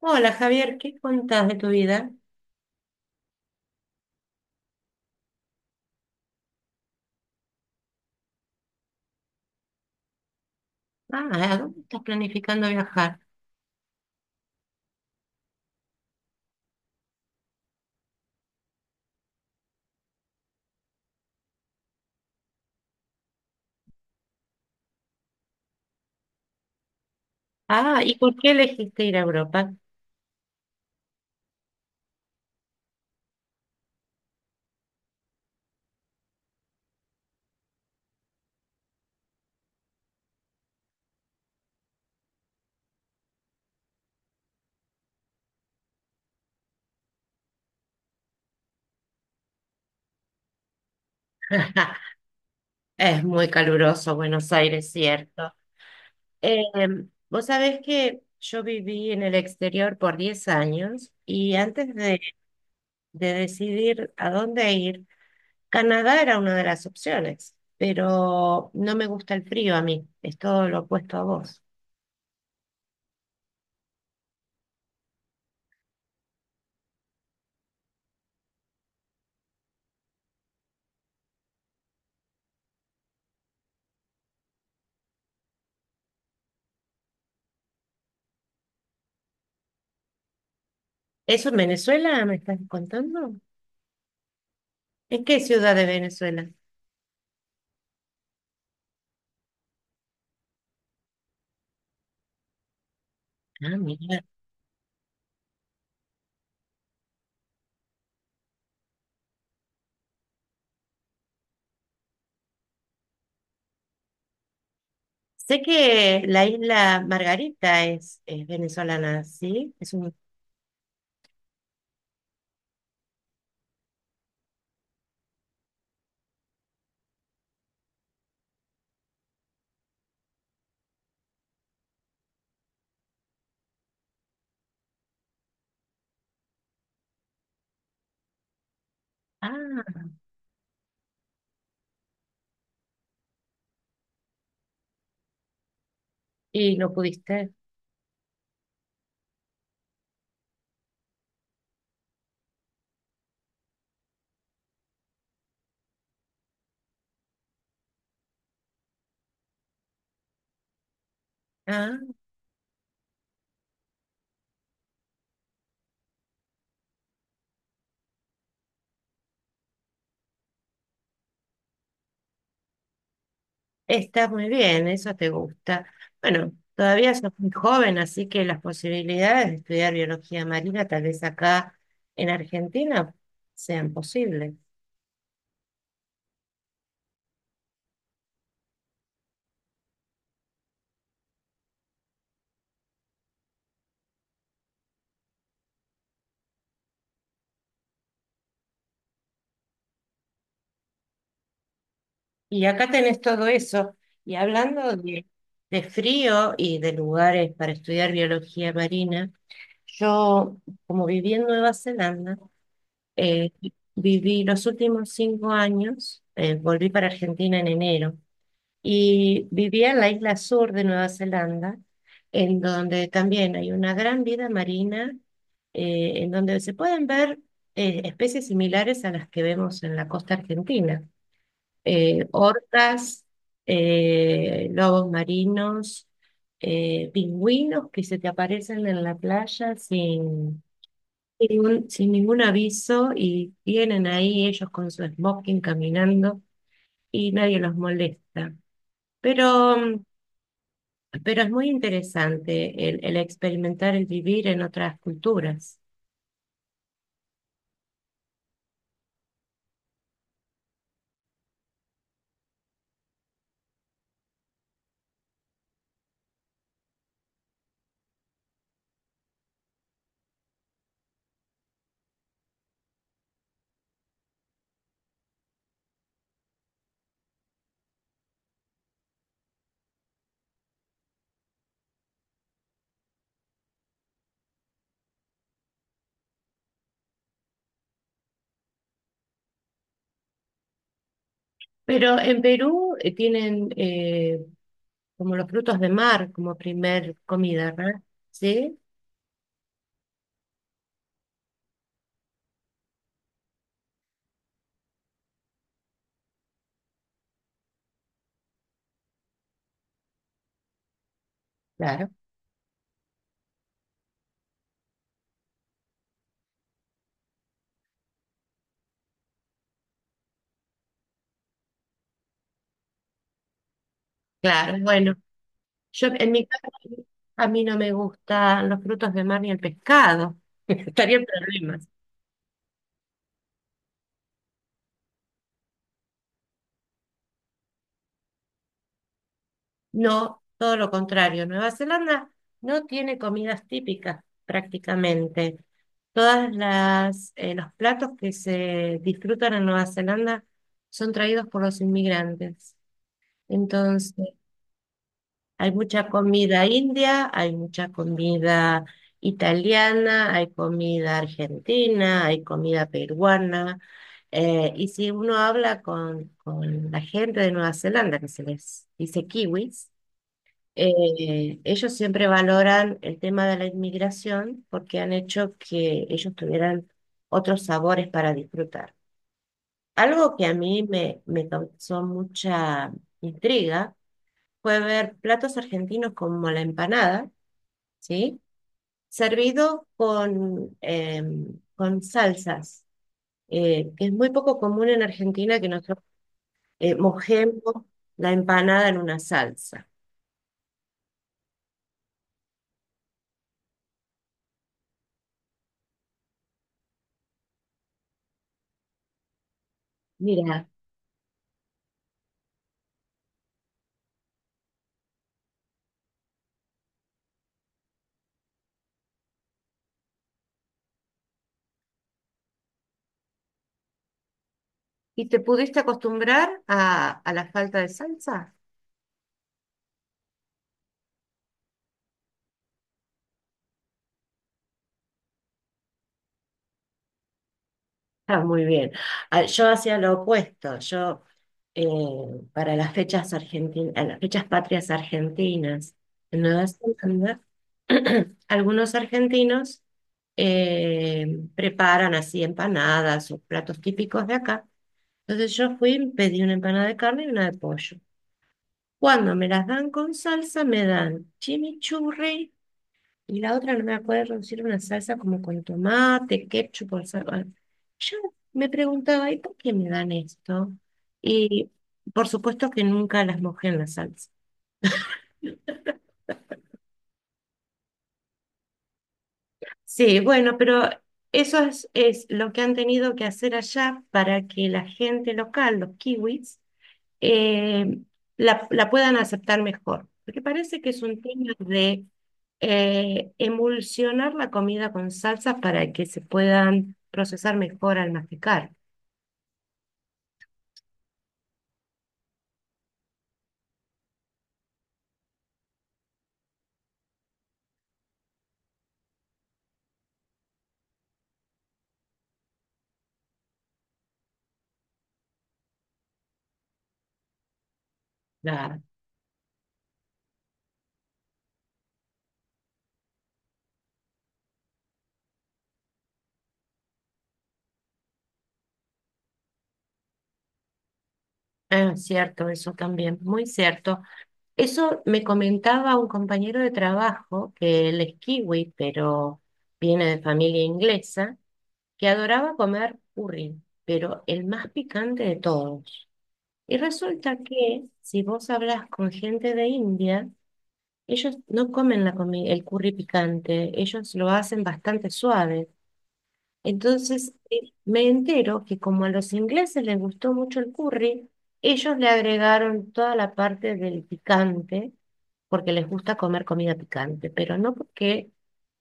Hola Javier, ¿qué contás de tu vida? Ah, ¿a dónde estás planificando viajar? Ah, ¿y por qué elegiste ir a Europa? Es muy caluroso Buenos Aires, cierto. Eh, vos sabés que yo viví en el exterior por 10 años y antes de decidir a dónde ir, Canadá era una de las opciones, pero no me gusta el frío a mí, es todo lo opuesto a vos. ¿Eso en Venezuela me estás contando? ¿En qué ciudad de Venezuela? Ah, mira. Sé que la isla Margarita es venezolana, ¿sí? Es un... Ah, y no pudiste. Ah, está muy bien, eso te gusta. Bueno, todavía sos muy joven, así que las posibilidades de estudiar biología marina, tal vez acá en Argentina, sean posibles. Y acá tenés todo eso. Y hablando de frío y de lugares para estudiar biología marina, yo, como viví en Nueva Zelanda, Eh, viví los últimos 5 años, volví para Argentina en enero y vivía en la isla sur de Nueva Zelanda, en donde también hay una gran vida marina, en donde se pueden ver especies similares a las que vemos en la costa argentina, orcas, lobos marinos, pingüinos que se te aparecen en la playa sin sin ningún aviso y vienen ahí ellos con su smoking caminando y nadie los molesta. Pero, mm, pero es muy interesante el experimentar el vivir en otras culturas. Pero en Perú tienen como los frutos de mar como primer comida, ¿verdad? Sí, claro, claro. Bueno, yo en mi caso a mí no me gustan los frutos de mar ni el pescado. Estaría en problemas. No, todo lo contrario. Nueva Zelanda no tiene comidas típicas prácticamente. Todas las los platos que se disfrutan en Nueva Zelanda son traídos por los inmigrantes. Entonces, hay mucha comida india, hay mucha comida italiana, hay comida argentina, hay comida peruana. Y si uno habla con la gente de Nueva Zelanda, que se les dice kiwis, ellos siempre valoran el tema de la inmigración porque han hecho que ellos tuvieran otros sabores para disfrutar. Algo que a mí me causó mucha intriga fue ver platos argentinos como la empanada, ¿sí? Servido con, con salsas, que es muy poco común en Argentina que nosotros mojemos la empanada en una salsa. Mira, ¿y te pudiste acostumbrar a la falta de salsa? Ah, muy bien. Ah, yo hacía lo opuesto. Eh, para las fechas argentinas, las fechas patrias argentinas en Nueva Zelanda, algunos argentinos eh, preparan así empanadas o platos típicos de acá. Entonces yo fui, pedí una empanada de carne y una de pollo. Cuando me las dan con salsa, me dan chimichurri. Y la otra no me acuerdo si era una salsa como con tomate, ketchup o salsa. Yo me preguntaba, ¿y por qué me dan esto? Y por supuesto que nunca las mojé en la salsa. Sí, bueno, pero eso es lo que han tenido que hacer allá para que la gente local, los kiwis, eh, la puedan aceptar mejor. Porque parece que es un tema de emulsionar la comida con salsas para que se puedan procesar mejor al masticar. Claro. Ah, cierto, eso también, muy cierto. Eso me comentaba un compañero de trabajo, que él es kiwi, pero viene de familia inglesa, que adoraba comer curry, pero el más picante de todos. Y resulta que si vos hablas con gente de India, ellos no comen el curry picante, ellos lo hacen bastante suave. Entonces me entero que como a los ingleses les gustó mucho el curry, ellos le agregaron toda la parte del picante, porque les gusta comer comida picante, pero no porque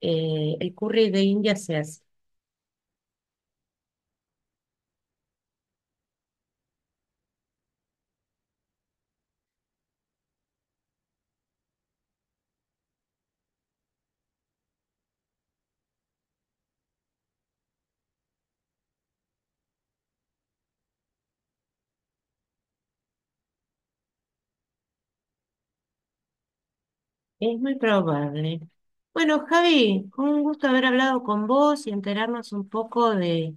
el curry de India sea así. Es muy probable. Bueno, Javi, un gusto haber hablado con vos y enterarnos un poco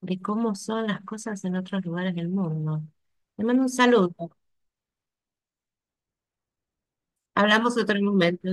de cómo son las cosas en otros lugares del mundo. Te mando un saludo. Hablamos otro momento.